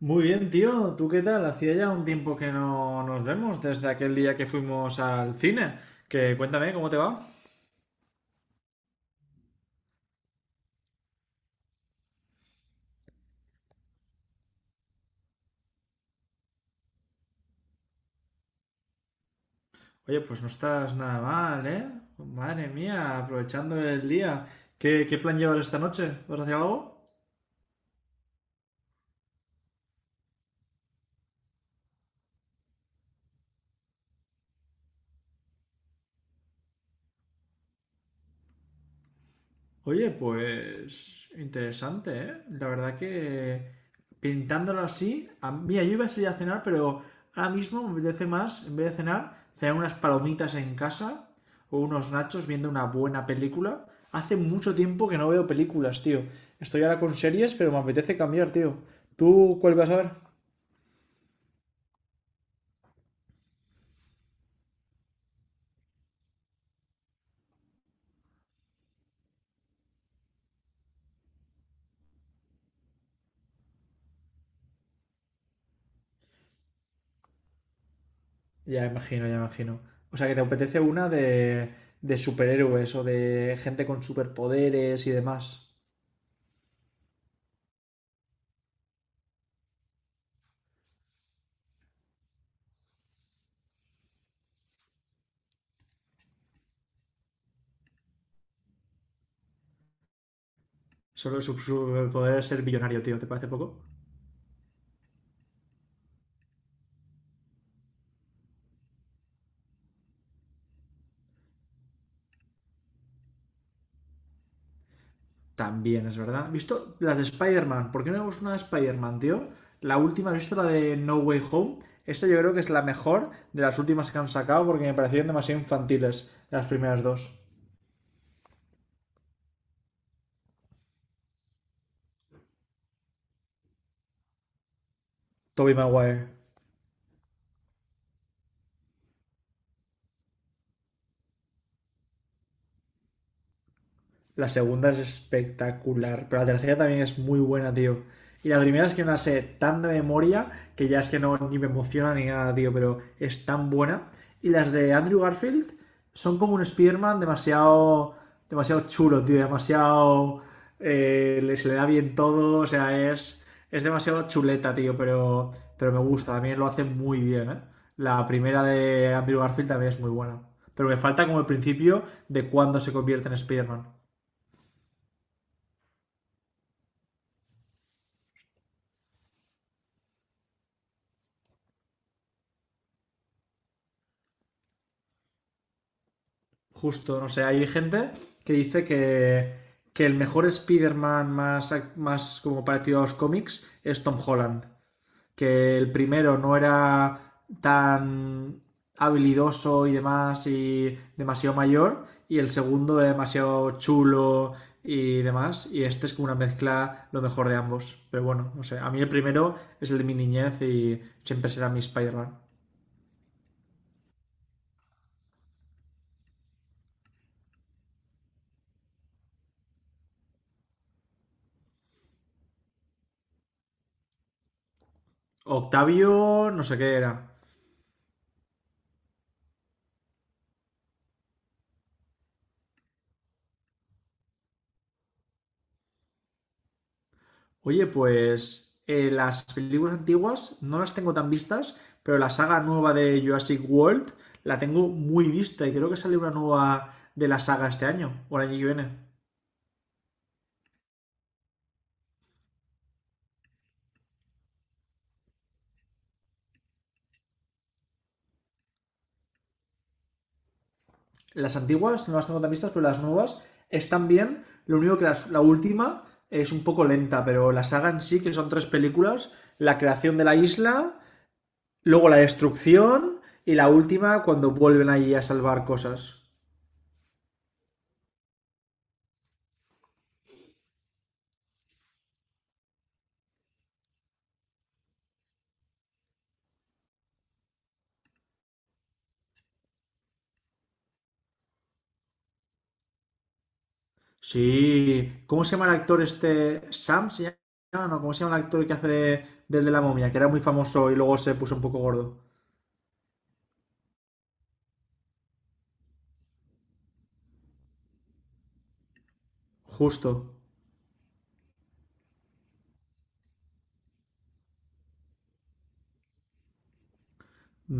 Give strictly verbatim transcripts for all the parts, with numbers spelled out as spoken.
Muy bien, tío. ¿Tú qué tal? Hacía ya un tiempo que no nos vemos, desde aquel día que fuimos al cine. Que cuéntame, ¿cómo te va? Oye, pues no estás nada mal, ¿eh? Madre mía, aprovechando el día. ¿Qué, qué plan llevas esta noche? ¿Vas a hacer algo? Oye, pues interesante, ¿eh? La verdad que pintándolo así, a- mira, yo iba a salir a cenar, pero ahora mismo me apetece más, en vez de cenar, cenar unas palomitas en casa o unos nachos viendo una buena película. Hace mucho tiempo que no veo películas, tío. Estoy ahora con series, pero me apetece cambiar, tío. ¿Tú cuál vas a ver? Ya imagino, ya imagino. O sea, que te apetece una de, de superhéroes o de gente con superpoderes y demás. Solo su superpoder es ser billonario, tío. ¿Te parece poco? También es verdad. ¿Visto las de Spider-Man? ¿Por qué no vemos una de Spider-Man, tío? La última, ¿has visto la de No Way Home? Esta yo creo que es la mejor de las últimas que han sacado porque me parecieron demasiado infantiles las primeras dos. Tobey Maguire. La segunda es espectacular, pero la tercera también es muy buena, tío. Y la primera es que no la sé tan de memoria que ya es que no ni me emociona ni nada, tío, pero es tan buena. Y las de Andrew Garfield son como un Spider-Man demasiado, demasiado chulo, tío, demasiado... eh, le- se le da bien todo, o sea, es, es demasiado chuleta, tío, pero, pero me gusta, también lo hace muy bien, ¿eh? La primera de Andrew Garfield también es muy buena. Pero me falta como el principio de cuándo se convierte en Spider-Man. Justo, no sé, hay gente que dice que, que el mejor Spider-Man más, más como parecido a los cómics es Tom Holland. Que el primero no era tan habilidoso y demás y demasiado mayor y el segundo era demasiado chulo y demás y este es como una mezcla lo mejor de ambos. Pero bueno, no sé, a mí el primero es el de mi niñez y siempre será mi Spider-Man. Octavio, no sé qué era. Oye, pues eh, las películas antiguas no las tengo tan vistas, pero la saga nueva de Jurassic World la tengo muy vista y creo que sale una nueva de la saga este año o el año que viene. Las antiguas no las tengo tan vistas, pero las nuevas están bien. Lo único que las- la última es un poco lenta, pero la saga en sí, que son tres películas, la creación de la isla, luego la destrucción y la última cuando vuelven ahí a salvar cosas. Sí, ¿cómo se llama el actor este? ¿Sam se llama? No, ¿cómo se llama el actor que hace de, del de la momia? Que era muy famoso y luego se puso un poco gordo. Justo.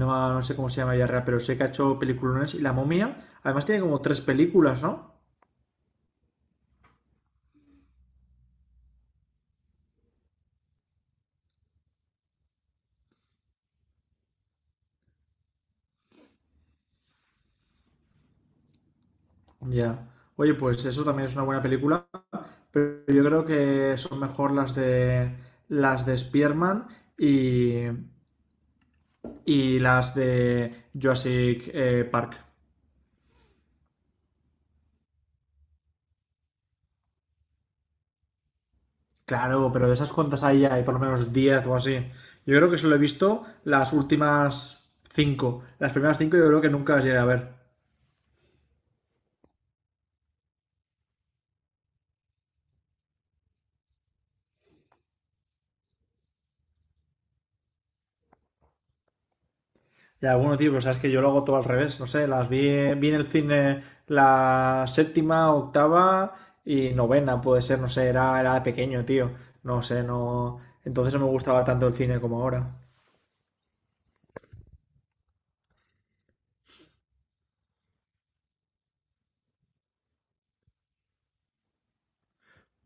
No, no sé cómo se llama ya, real, pero sé que ha hecho peliculones y la momia. Además tiene como tres películas, ¿no? Ya. Oye, pues eso también es una buena película, pero yo creo que son mejor las de las de Spearman y, y las de Jurassic eh, Park. Claro, pero de esas cuantas hay, hay por lo menos diez o así. Yo creo que solo he visto las últimas cinco. Las primeras cinco yo creo que nunca las llegué a ver. Ya, bueno, tío, pues sabes que yo lo hago todo al revés. No sé, las vi, vi en el cine la séptima, octava y novena, puede ser, no sé, era, era de pequeño, tío. No sé, no. Entonces no me gustaba tanto el cine como ahora.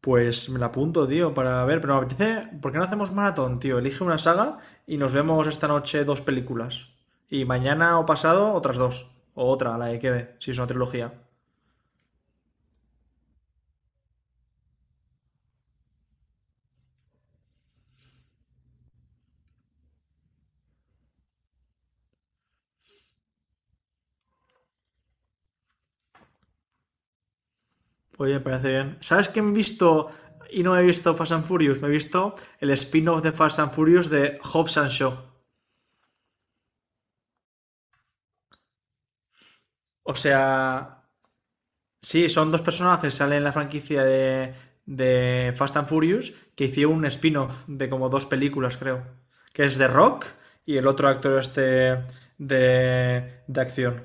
Pues me la apunto, tío, para ver, pero me apetece, ¿por qué no hacemos maratón, tío? Elige una saga y nos vemos esta noche dos películas. Y mañana o pasado otras dos. O otra, la que quede, si es una trilogía. Oye, me parece bien. ¿Sabes qué he visto y no he visto Fast and Furious? Me he visto el spin-off de Fast and Furious de Hobbs and Shaw. O sea, sí, son dos personajes que salen en la franquicia de, de Fast and Furious que hicieron un spin-off de como dos películas, creo. Que es de Rock y el otro actor este de, de acción.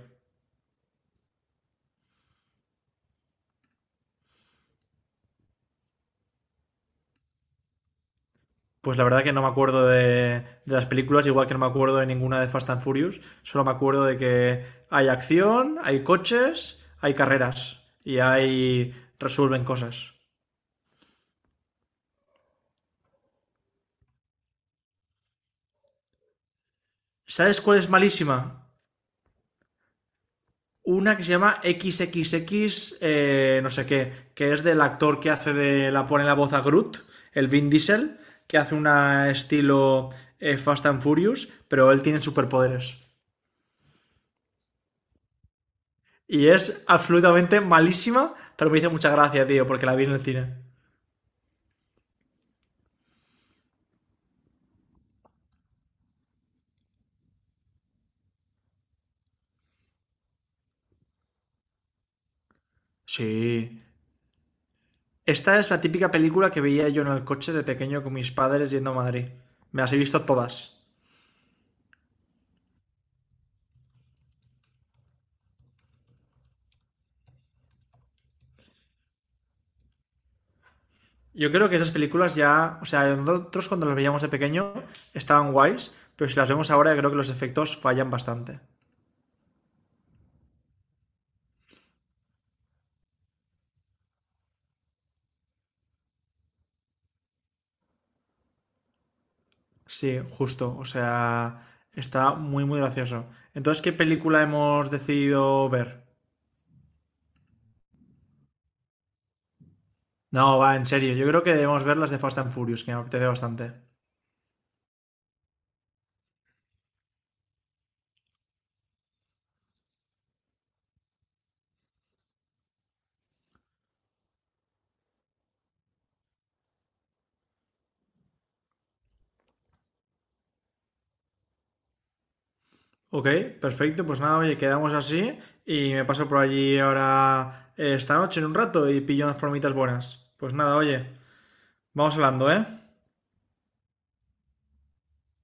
Pues la verdad que no me acuerdo de, de las películas, igual que no me acuerdo de ninguna de Fast and Furious. Solo me acuerdo de que hay acción, hay coches, hay carreras y hay resuelven cosas. ¿Sabes cuál es malísima? Una que se llama triple equis, eh, no sé qué, que es del actor que hace de la pone la voz a Groot, el Vin Diesel, que hace una estilo eh, Fast and Furious, pero él tiene superpoderes. Y es absolutamente malísima, pero me hizo mucha gracia, tío, porque la vi en el cine. Sí. Esta es la típica película que veía yo en el coche de pequeño con mis padres yendo a Madrid. Me las he visto todas. Yo creo que esas películas ya, o sea, nosotros cuando las veíamos de pequeño estaban guays, pero si las vemos ahora creo que los efectos fallan bastante. Sí, justo, o sea, está muy, muy gracioso. Entonces, ¿qué película hemos decidido ver? No, va, en serio, yo creo que debemos ver las de Fast and Furious, que me apetece bastante. Ok, perfecto, pues nada, oye, quedamos así y me paso por allí ahora eh, esta noche en un rato y pillo unas palomitas buenas. Pues nada, oye, vamos hablando, ¿eh?